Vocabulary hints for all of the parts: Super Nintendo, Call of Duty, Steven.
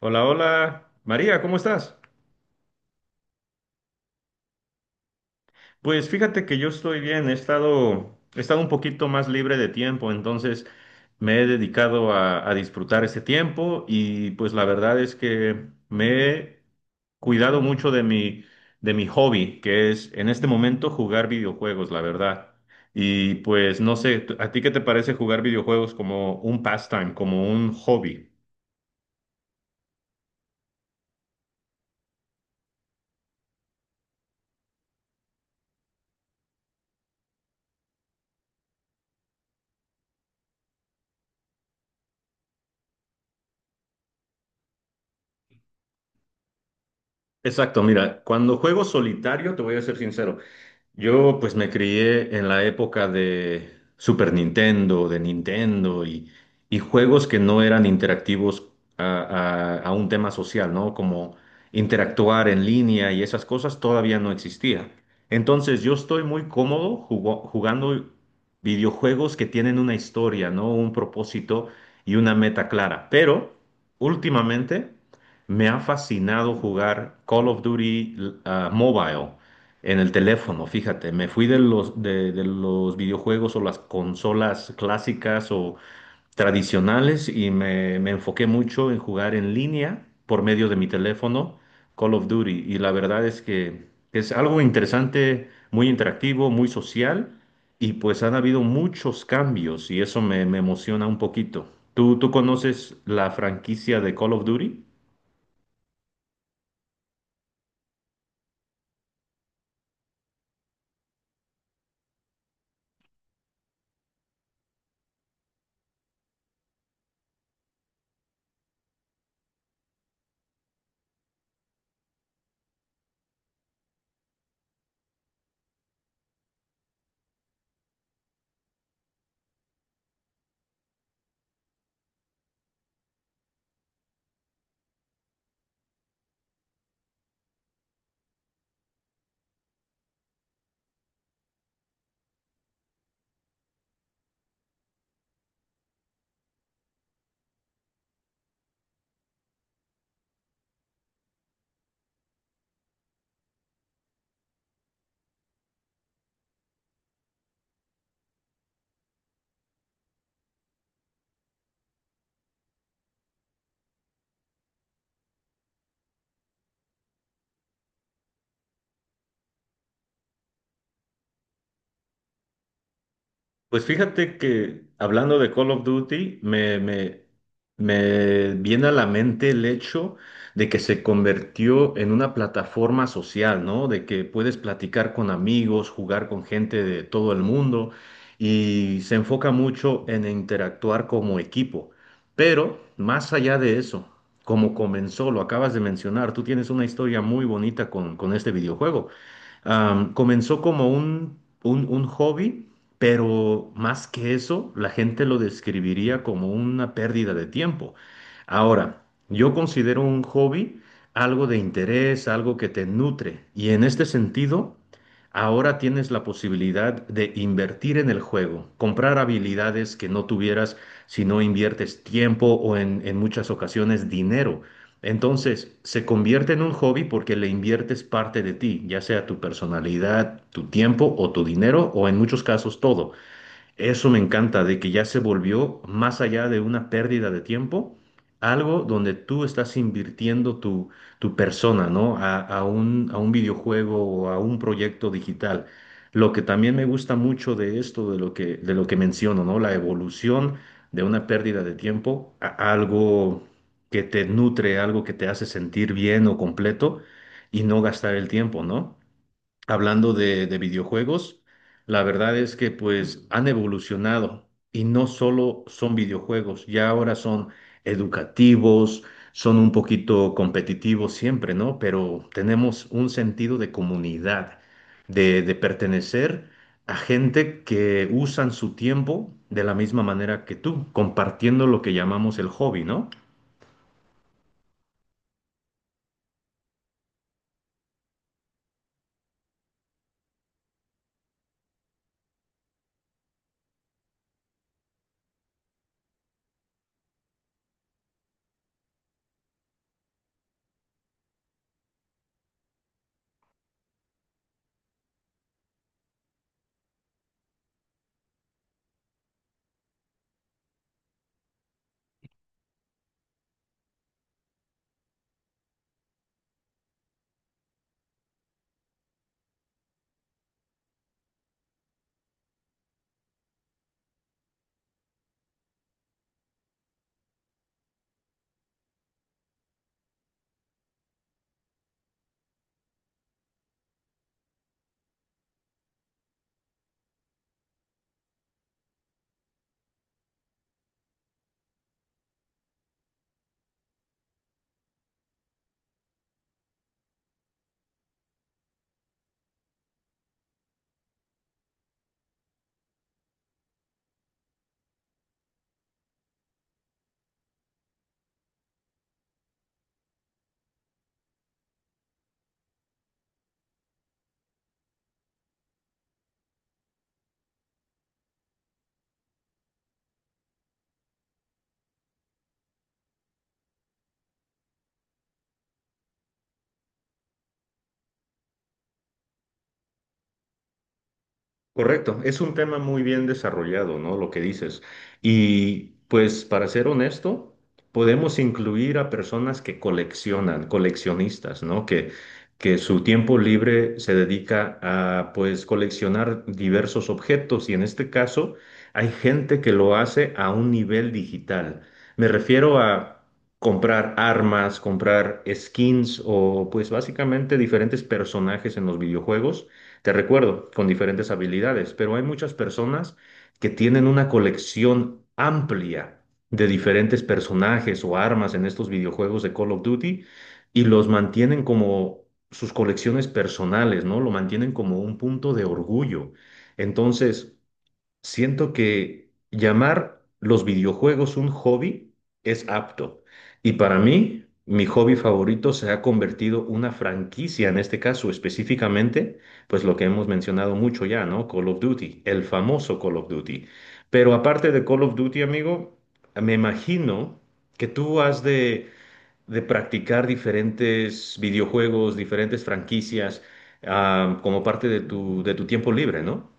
Hola, hola. María, ¿cómo estás? Pues fíjate que yo estoy bien, he estado un poquito más libre de tiempo, entonces me he dedicado a disfrutar este tiempo y pues la verdad es que me he cuidado mucho de mi hobby, que es en este momento jugar videojuegos, la verdad. Y pues no sé, ¿a ti qué te parece jugar videojuegos como un pastime, como un hobby? Exacto, mira, cuando juego solitario, te voy a ser sincero. Yo pues me crié en la época de Super Nintendo, de Nintendo y juegos que no eran interactivos a, a un tema social, ¿no? Como interactuar en línea y esas cosas todavía no existía. Entonces yo estoy muy cómodo jugando videojuegos que tienen una historia, ¿no? Un propósito y una meta clara. Pero últimamente me ha fascinado jugar Call of Duty, Mobile. En el teléfono, fíjate, me fui de los videojuegos o las consolas clásicas o tradicionales y me enfoqué mucho en jugar en línea por medio de mi teléfono Call of Duty. Y la verdad es que es algo interesante, muy interactivo, muy social y pues han habido muchos cambios y eso me emociona un poquito. ¿Tú conoces la franquicia de Call of Duty? Pues fíjate que hablando de Call of Duty, me viene a la mente el hecho de que se convirtió en una plataforma social, ¿no? De que puedes platicar con amigos, jugar con gente de todo el mundo y se enfoca mucho en interactuar como equipo. Pero más allá de eso, como comenzó, lo acabas de mencionar, tú tienes una historia muy bonita con este videojuego. Comenzó como un hobby, pero más que eso, la gente lo describiría como una pérdida de tiempo. Ahora, yo considero un hobby algo de interés, algo que te nutre, y en este sentido, ahora tienes la posibilidad de invertir en el juego, comprar habilidades que no tuvieras si no inviertes tiempo o en muchas ocasiones dinero. Entonces, se convierte en un hobby porque le inviertes parte de ti, ya sea tu personalidad, tu tiempo o tu dinero o en muchos casos todo. Eso me encanta, de que ya se volvió más allá de una pérdida de tiempo, algo donde tú estás invirtiendo tu persona, ¿no? A un videojuego o a un proyecto digital. Lo que también me gusta mucho de esto, de lo que menciono, ¿no? La evolución de una pérdida de tiempo a algo que te nutre, algo que te hace sentir bien o completo y no gastar el tiempo, ¿no? Hablando de videojuegos, la verdad es que pues han evolucionado y no solo son videojuegos, ya ahora son educativos, son un poquito competitivos siempre, ¿no? Pero tenemos un sentido de comunidad, de pertenecer a gente que usan su tiempo de la misma manera que tú, compartiendo lo que llamamos el hobby, ¿no? Correcto, es un tema muy bien desarrollado, ¿no? Lo que dices. Y pues para ser honesto, podemos incluir a personas que coleccionan, coleccionistas, ¿no? Que su tiempo libre se dedica a pues coleccionar diversos objetos y en este caso hay gente que lo hace a un nivel digital. Me refiero a comprar armas, comprar skins o pues básicamente diferentes personajes en los videojuegos, te recuerdo, con diferentes habilidades, pero hay muchas personas que tienen una colección amplia de diferentes personajes o armas en estos videojuegos de Call of Duty y los mantienen como sus colecciones personales, ¿no? Lo mantienen como un punto de orgullo. Entonces, siento que llamar los videojuegos un hobby es apto. Y para mí, mi hobby favorito se ha convertido una franquicia, en este caso específicamente, pues lo que hemos mencionado mucho ya, ¿no? Call of Duty, el famoso Call of Duty. Pero aparte de Call of Duty, amigo, me imagino que tú has de practicar diferentes videojuegos, diferentes franquicias, como parte de tu tiempo libre, ¿no?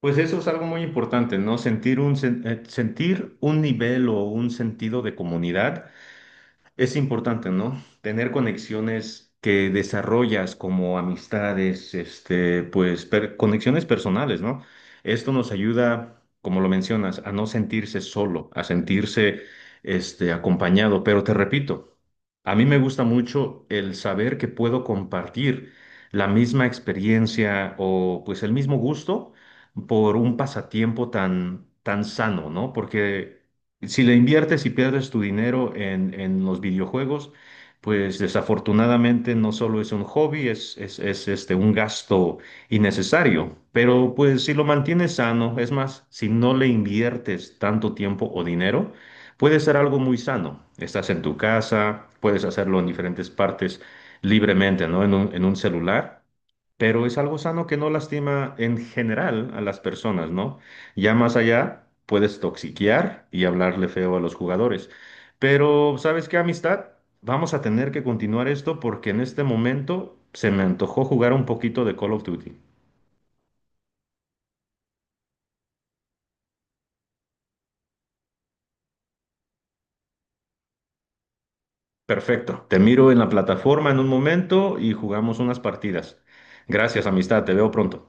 Pues eso es algo muy importante, ¿no? Sentir un nivel o un sentido de comunidad es importante, ¿no? Tener conexiones que desarrollas como amistades, pues conexiones personales, ¿no? Esto nos ayuda, como lo mencionas, a no sentirse solo, a sentirse, acompañado, pero te repito. A mí me gusta mucho el saber que puedo compartir la misma experiencia o pues el mismo gusto por un pasatiempo tan, tan sano, ¿no? Porque si le inviertes y pierdes tu dinero en los videojuegos, pues desafortunadamente no solo es un hobby, es un gasto innecesario, pero pues si lo mantienes sano, es más, si no le inviertes tanto tiempo o dinero, puede ser algo muy sano. Estás en tu casa, puedes hacerlo en diferentes partes libremente, ¿no? En un celular, pero es algo sano que no lastima en general a las personas, ¿no? Ya más allá, puedes toxiquear y hablarle feo a los jugadores. Pero, ¿sabes qué, amistad? Vamos a tener que continuar esto porque en este momento se me antojó jugar un poquito de Call of Duty. Perfecto. Te miro en la plataforma en un momento y jugamos unas partidas. Gracias, amistad. Te veo pronto.